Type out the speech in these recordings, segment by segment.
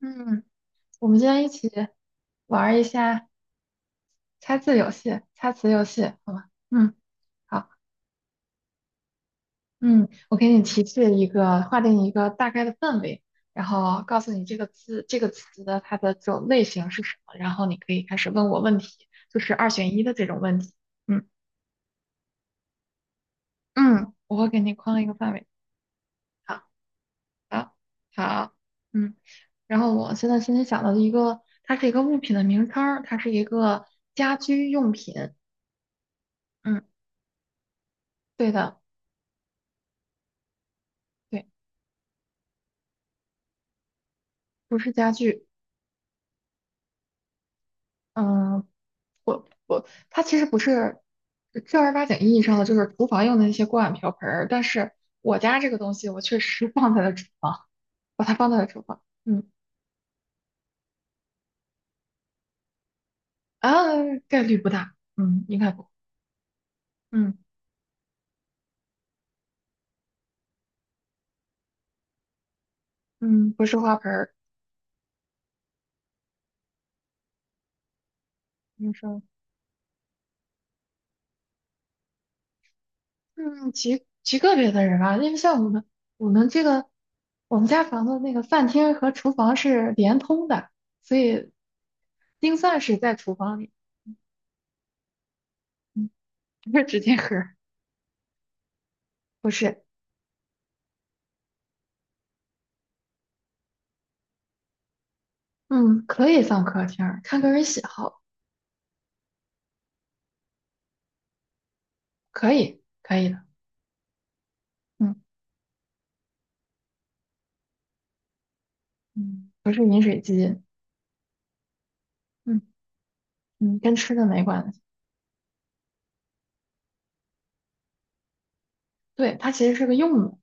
嗯，我们今天一起玩儿一下猜字游戏、猜词游戏，好吗？嗯，好，嗯，我给你提示一个，划定一个大概的范围，然后告诉你这个字、这个词的它的这种类型是什么，然后你可以开始问我问题，就是二选一的这种问题。嗯嗯，我会给你框一个范围。好，好，好，嗯，然后我现在心里想到的一个，它是一个物品的名称儿它是一个家居用品。嗯，对的。对。不是家具，嗯，不，它其实不是正儿八经意义上的就是厨房用的那些锅碗瓢盆儿，但是我家这个东西我确实 放在了厨房，把它放在了厨房，嗯，啊，概率不大，嗯，应该不，嗯嗯，不是花盆儿，你说，嗯，极个别的人啊，因为像我们我们这个我们家房子那个饭厅和厨房是连通的，所以钉算是在厨房里，嗯，不是纸巾盒儿不是。嗯，可以放客厅儿，看个人喜好，可以，可以的。嗯嗯不是饮水机，嗯嗯，跟吃的没关系。对，它其实是个用的，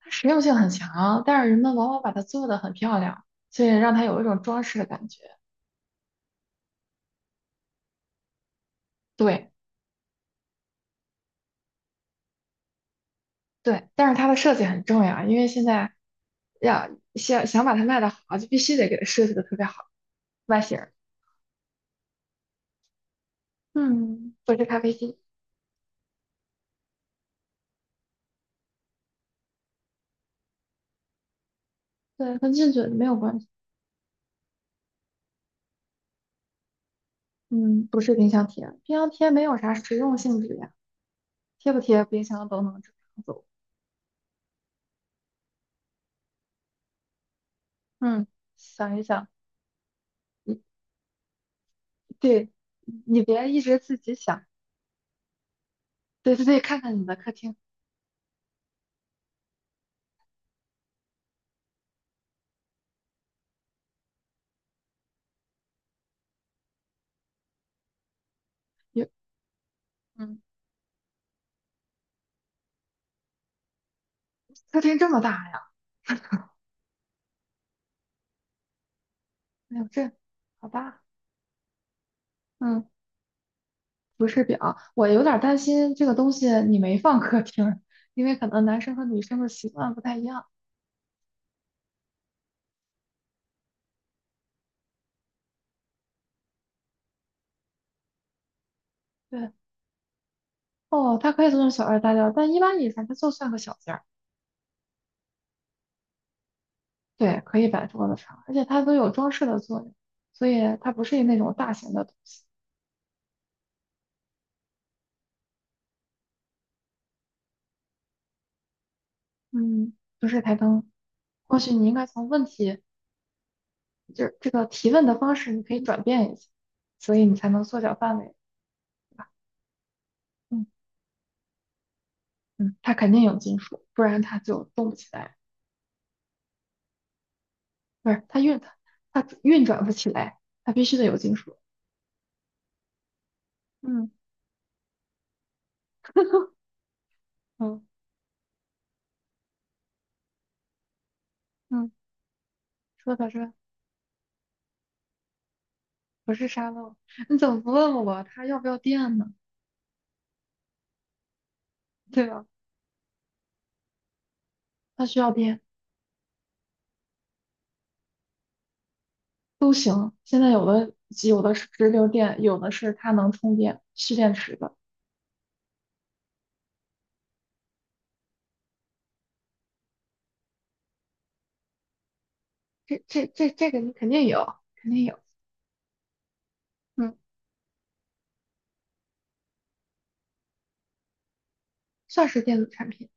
它实用性很强，但是人们往往把它做得很漂亮，所以让它有一种装饰的感觉。对对，但是它的设计很重要，因为现在要想想把它卖的好，就必须得给它设计的特别好，外形儿，嗯，不是咖啡机，对，跟进嘴没有关系。嗯，不是冰箱贴，冰箱贴没有啥实用性质呀。贴不贴冰箱都能正常走。嗯，想一想，你对，你别一直自己想，对对对，看看你的客厅，有，嗯，客厅这么大呀，哎呦这好大，嗯，不是表，我有点儿担心这个东西你没放客厅，因为可能男生和女生的习惯不太一样。对，哦，它可以做成小二大件儿，但一般以前它就算个小件儿。对，可以摆桌子上，而且它都有装饰的作用，所以它不是那种大型的东西。嗯，不是台灯。或许你应该从问题，就是这个提问的方式，你可以转变一下，所以你才能缩小范围。嗯嗯，它肯定有金属，不然它就动不起来，不是它运它运转不起来，它必须得有金属。嗯嗯嗯，说到这不是沙漏，你怎么不问我它要不要电呢？对吧？它需要电，不行，现在有的有的是直流电，有的是它能充电蓄电池的，这个你肯定有，肯定有，嗯，算是电子产品。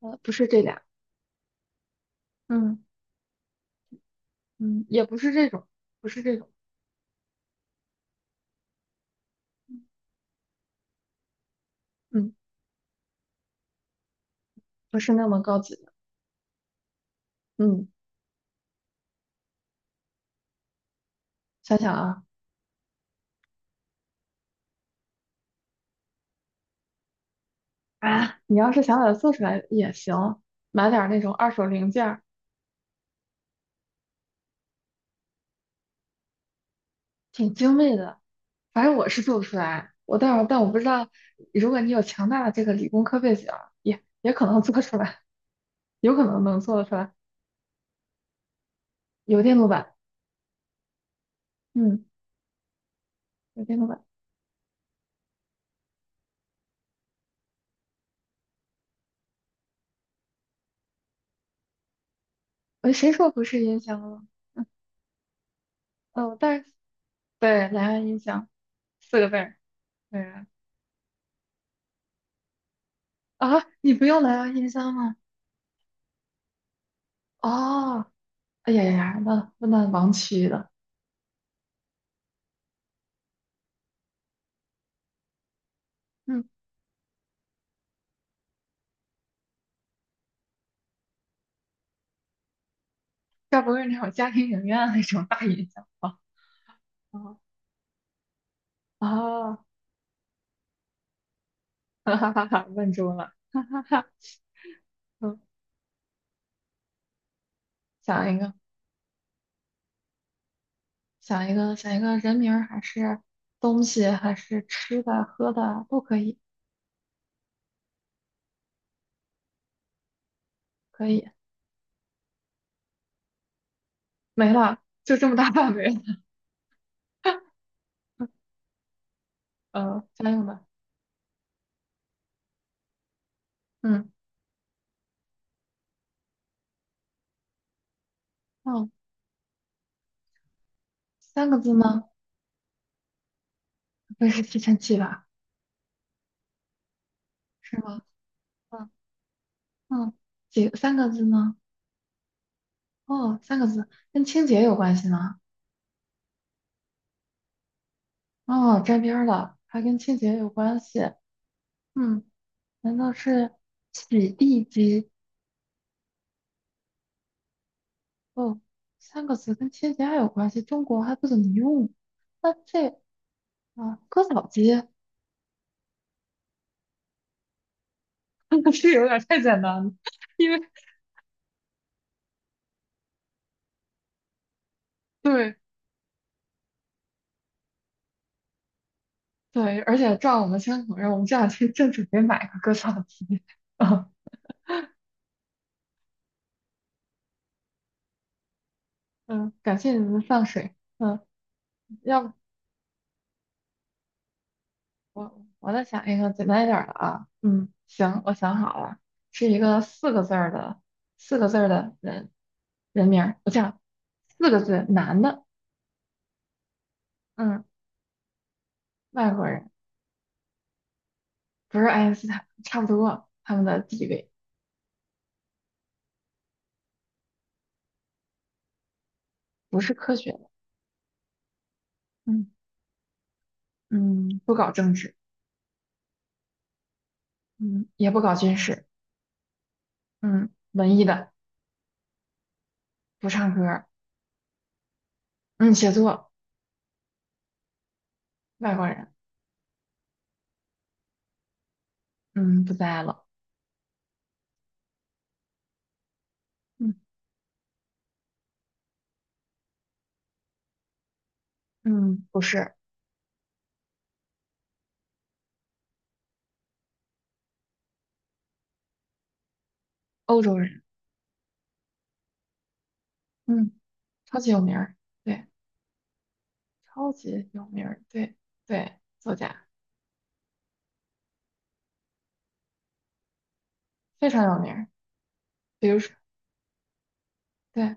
呃，不是这俩，嗯嗯，也不是这种，不是这种，嗯，不是那么高级的，嗯，想想啊啊，你要是想把它做出来也行，买点儿那种二手零件儿，挺精美的，反正我是做不出来，但我不知道，如果你有强大的这个理工科背景儿也可能做出来，有可能能做得出来，有电路板，嗯，有电路板，呃，谁说不是音箱了？哦，但是对，蓝牙音箱四个字儿，对啊，啊你不用蓝牙音箱吗？哦，哎呀呀呀，那那盲区的，嗯，该不会是那种家庭影院那种大音响吧？啊啊，哈哈哈哈，问住了，哈哈哈，嗯，想一个，想一个，想一个人名儿还是东西还是吃的喝的都可以，可以，没了，就这么大范围了，呃，家用的，嗯嗯，三个字吗？不会是吸尘器吧？是吗？嗯嗯，几三个字呢？哦，三个字，跟清洁有关系吗？哦，沾边儿了，还跟清洁有关系。嗯，难道是洗地机？哦，三个字跟清洁还有关系，中国还不怎么用。那这啊，割草机 是有点太简单了，因为对对，而且照我们相口人，我们这两天正准备买个割草机。啊，嗯，感谢你们的放水。嗯，要不我再想一个简单一点儿的啊。嗯，行，我想好了，是一个四个字儿的。四个字儿的，人。人名儿，我讲四个字，男的，嗯，外国人，不是爱因斯坦，差不多，他们的地位不是科学的，嗯嗯，不搞政治，嗯，也不搞军事，嗯，文艺的，不唱歌儿，嗯，写作，外国人，嗯，不在了，嗯嗯，不是欧洲人，嗯，超级有名儿，对，超级有名儿，对对，作家非常有名儿，比如说，对，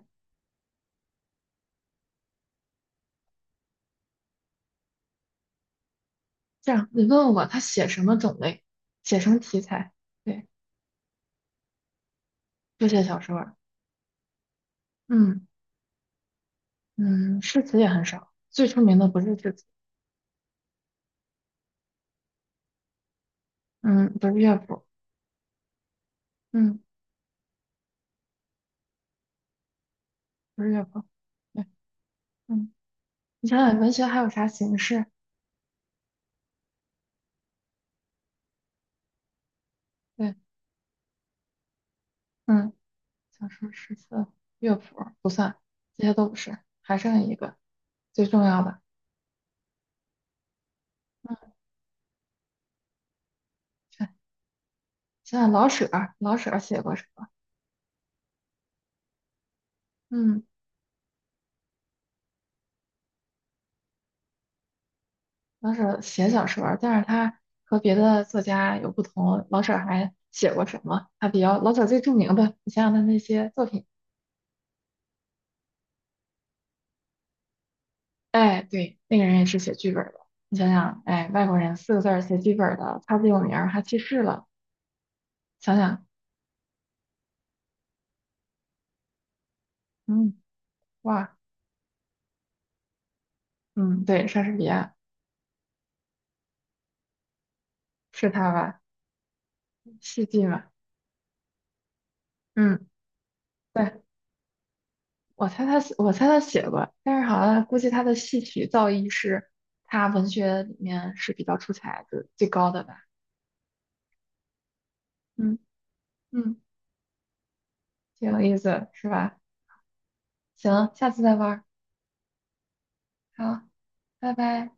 这样你问我他写什么种类，写什么题材。对。就写小说儿嗯嗯，诗词也很少，最出名的不是诗词，嗯，不是乐府，嗯，不是乐府，对，嗯，你想想文学还有啥形式？对，嗯，小说、诗词、乐府这些都不是，还剩一个最重要的，嗯，对，想想老舍儿写过什么？嗯，老舍写小说儿但是他和别的作家有不同，老舍还写过什么？他比较，老舍最著名的，你想想他那些作品。哎，对，那个人也是写剧本的。你想想，哎，外国人四个字儿写剧本的，他最有名儿还去世了。想想，嗯，哇，嗯，对，莎士比亚是他吧？戏剧嘛，嗯，对，我猜他写过，但是好像估计他的戏曲造诣是他文学里面是比较出彩的最高的吧。嗯嗯，挺有意思，是吧？行，下次再玩儿好，拜拜。